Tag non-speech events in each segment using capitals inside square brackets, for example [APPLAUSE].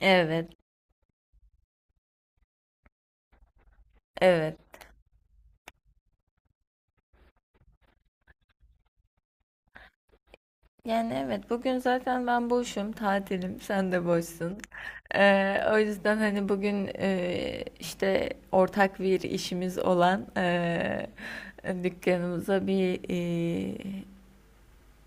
Evet, evet. Yani evet bugün zaten ben boşum, tatilim, sen de boşsun. O yüzden hani bugün işte ortak bir işimiz olan dükkanımıza bir e,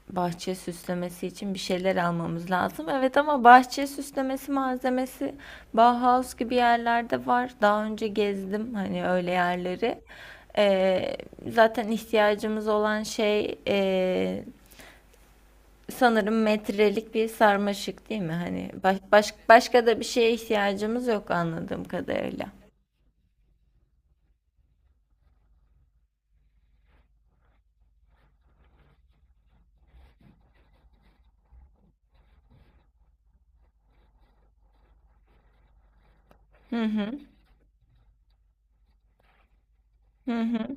bahçe süslemesi için bir şeyler almamız lazım. Evet ama bahçe süslemesi malzemesi Bauhaus gibi yerlerde var. Daha önce gezdim hani öyle yerleri. Ee, Zaten ihtiyacımız olan şey sanırım metrelik bir sarmaşık değil mi? Hani başka da bir şeye ihtiyacımız yok anladığım kadarıyla. Hı hı. Hı hı.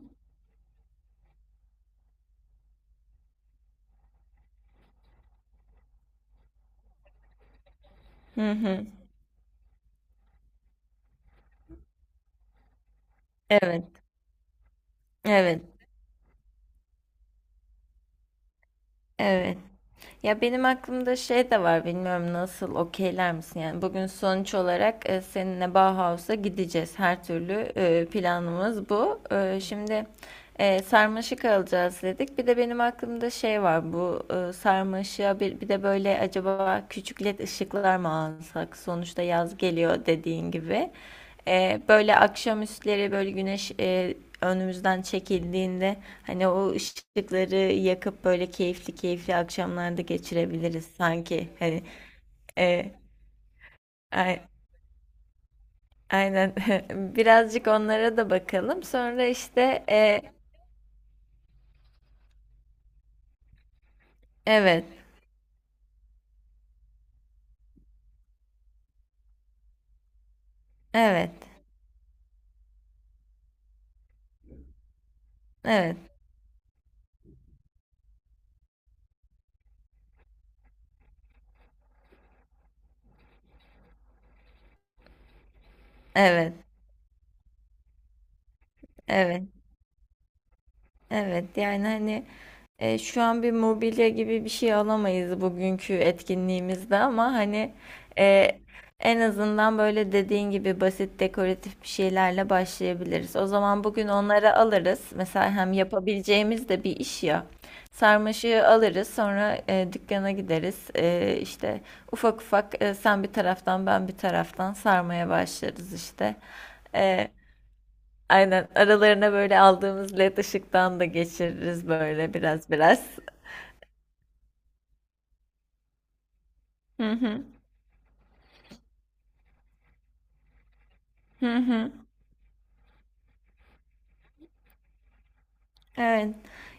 Hı hı. Evet. Evet. Evet. Ya benim aklımda şey de var, bilmiyorum nasıl okeyler misin? Yani bugün sonuç olarak seninle Bauhaus'a gideceğiz. Her türlü planımız bu. Şimdi, sarmaşık alacağız dedik. Bir de benim aklımda şey var, bu sarmaşığa bir de böyle acaba küçük led ışıklar mı alsak? Sonuçta yaz geliyor dediğin gibi. Böyle akşamüstleri böyle güneş önümüzden çekildiğinde hani o ışıkları yakıp böyle keyifli keyifli akşamlarda geçirebiliriz sanki. Hani e, ay- aynen, [LAUGHS] birazcık onlara da bakalım. Sonra işte, evet, evet, evet, evet. Evet, evet. Yani hani şu an bir mobilya gibi bir şey alamayız bugünkü etkinliğimizde ama hani e, en azından böyle dediğin gibi basit dekoratif bir şeylerle başlayabiliriz. O zaman bugün onları alırız. Mesela hem yapabileceğimiz de bir iş ya. Sarmaşığı alırız, sonra dükkana gideriz. İşte ufak ufak sen bir taraftan ben bir taraftan sarmaya başlarız işte. E, Aynen aralarına böyle aldığımız led ışıktan da geçiririz böyle biraz biraz. Hı hı. Hı hı. Evet.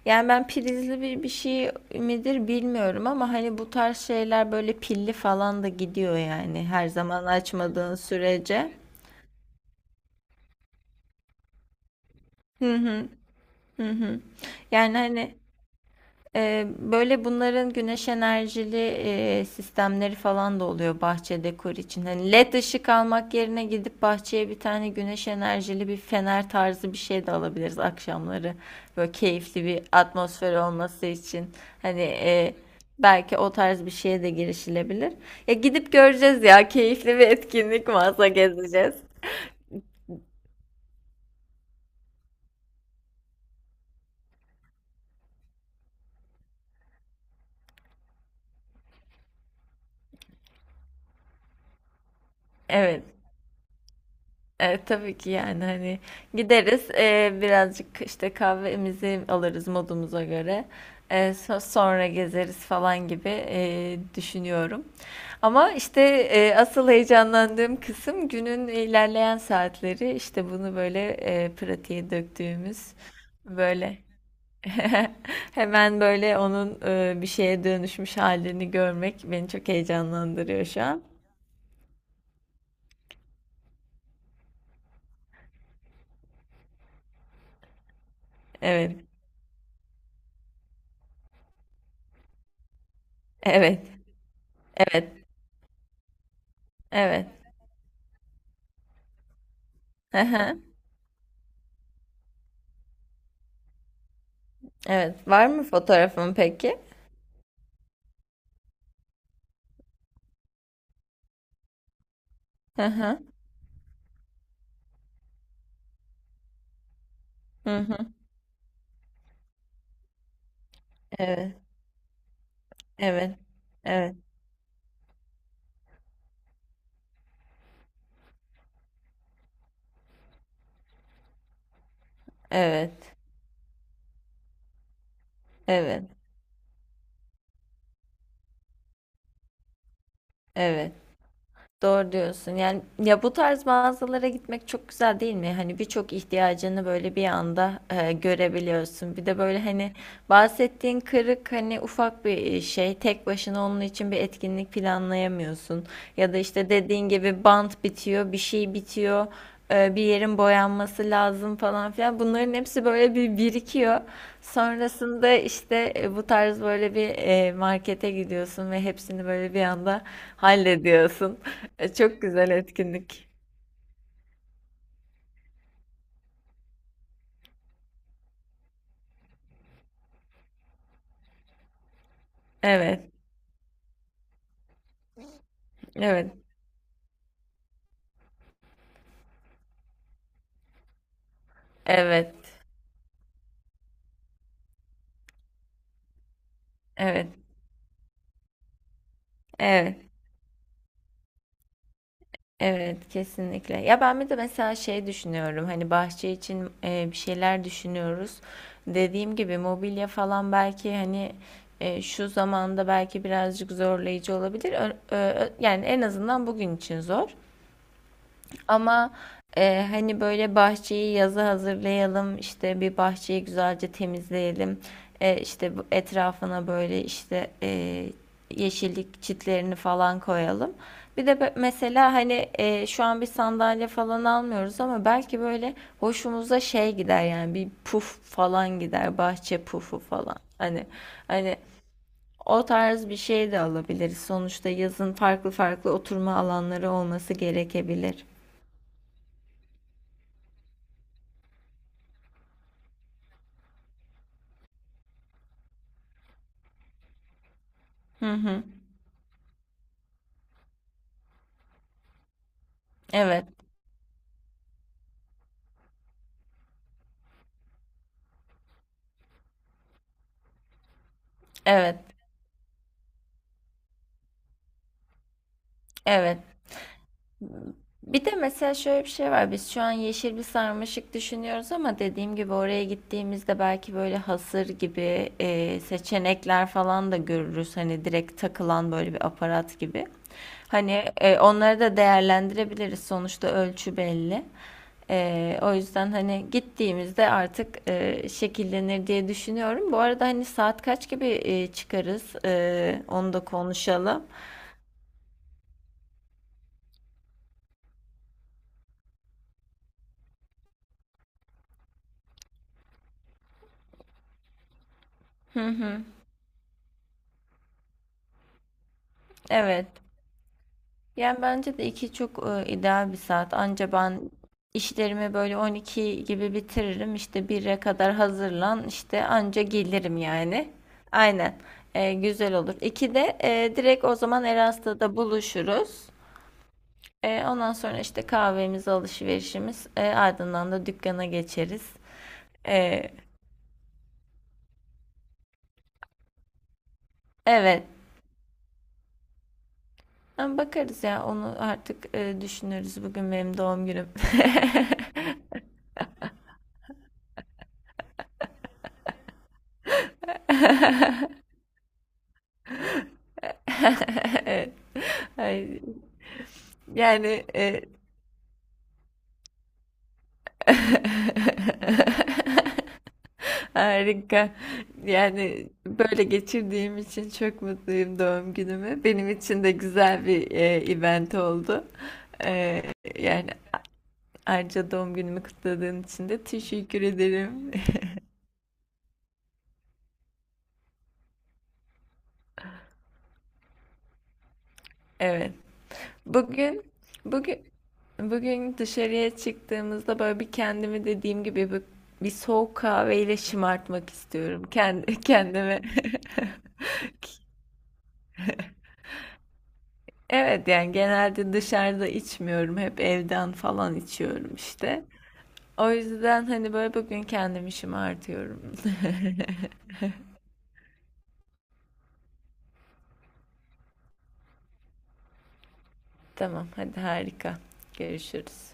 Yani ben prizli bir şey midir bilmiyorum ama hani bu tarz şeyler böyle pilli falan da gidiyor, yani her zaman açmadığın sürece. Hı hı. Hı hı. Yani hani, böyle bunların güneş enerjili sistemleri falan da oluyor bahçe dekor için. Hani led ışık almak yerine gidip bahçeye bir tane güneş enerjili bir fener tarzı bir şey de alabiliriz akşamları. Böyle keyifli bir atmosfer olması için. Hani belki o tarz bir şeye de girişilebilir. Ya gidip göreceğiz, ya keyifli bir etkinlik varsa gezeceğiz. Evet. Tabii ki, yani hani gideriz, birazcık işte kahvemizi alırız modumuza göre. Sonra gezeriz falan gibi düşünüyorum. Ama işte asıl heyecanlandığım kısım günün ilerleyen saatleri, işte bunu böyle pratiğe döktüğümüz böyle, [LAUGHS] hemen böyle onun bir şeye dönüşmüş halini görmek beni çok heyecanlandırıyor şu an. Evet, evet, evet, evet. [LAUGHS] Evet. Var mı fotoğrafın peki? Hı hı. Hı hı. Evet. Evet. Evet. Evet. Evet. Evet. Doğru diyorsun. Yani ya bu tarz mağazalara gitmek çok güzel değil mi? Hani birçok ihtiyacını böyle bir anda görebiliyorsun. Bir de böyle hani bahsettiğin kırık hani ufak bir şey. Tek başına onun için bir etkinlik planlayamıyorsun. Ya da işte dediğin gibi bant bitiyor, bir şey bitiyor. Bir yerin boyanması lazım falan filan. Bunların hepsi böyle bir birikiyor. Sonrasında işte bu tarz böyle bir markete gidiyorsun ve hepsini böyle bir anda hallediyorsun. Çok güzel etkinlik. Evet, evet, evet, evet, evet. Evet, kesinlikle. Ya ben bir de mesela şey düşünüyorum, hani bahçe için bir şeyler düşünüyoruz. Dediğim gibi mobilya falan belki hani şu zamanda belki birazcık zorlayıcı olabilir. Yani en azından bugün için zor. Ama hani böyle bahçeyi yaza hazırlayalım, işte bir bahçeyi güzelce temizleyelim, işte bu etrafına böyle işte yeşillik çitlerini falan koyalım. Bir de mesela hani şu an bir sandalye falan almıyoruz ama belki böyle hoşumuza şey gider, yani bir puf falan gider, bahçe pufu falan. Hani o tarz bir şey de alabiliriz. Sonuçta yazın farklı farklı oturma alanları olması gerekebilir. Hı hı. Evet, evet, evet. Bir de mesela şöyle bir şey var. Biz şu an yeşil bir sarmaşık düşünüyoruz ama dediğim gibi oraya gittiğimizde belki böyle hasır gibi seçenekler falan da görürüz. Hani direkt takılan böyle bir aparat gibi. Hani onları da değerlendirebiliriz. Sonuçta ölçü belli. O yüzden hani gittiğimizde artık şekillenir diye düşünüyorum. Bu arada hani saat kaç gibi çıkarız? Onu da konuşalım. Hı hı. Evet. Yani bence de iki çok ideal bir saat. Anca ben işlerimi böyle 12 gibi bitiririm. İşte 1'e kadar hazırlan. İşte anca gelirim yani. Aynen. Güzel olur. 2'de direkt o zaman Erasta'da buluşuruz. Ondan sonra işte kahvemiz, alışverişimiz. Ardından da dükkana geçeriz. E, evet. Ama bakarız, ya onu artık düşünürüz. Bugün benim doğum günüm. [LAUGHS] Evet. Ay, yani, [LAUGHS] harika. Yani böyle geçirdiğim için çok mutluyum doğum günümü. Benim için de güzel bir event oldu. E, Yani ayrıca doğum günümü kutladığın için de teşekkür ederim. [LAUGHS] Evet. Bugün bugün bugün dışarıya çıktığımızda böyle bir kendimi, dediğim gibi, bir soğuk kahveyle şımartmak istiyorum. Kendi [LAUGHS] kendime. [LAUGHS] Evet, yani genelde dışarıda içmiyorum. Hep evden falan içiyorum işte. O yüzden hani böyle bugün kendim işimi artıyorum. [LAUGHS] Tamam, hadi, harika. Görüşürüz.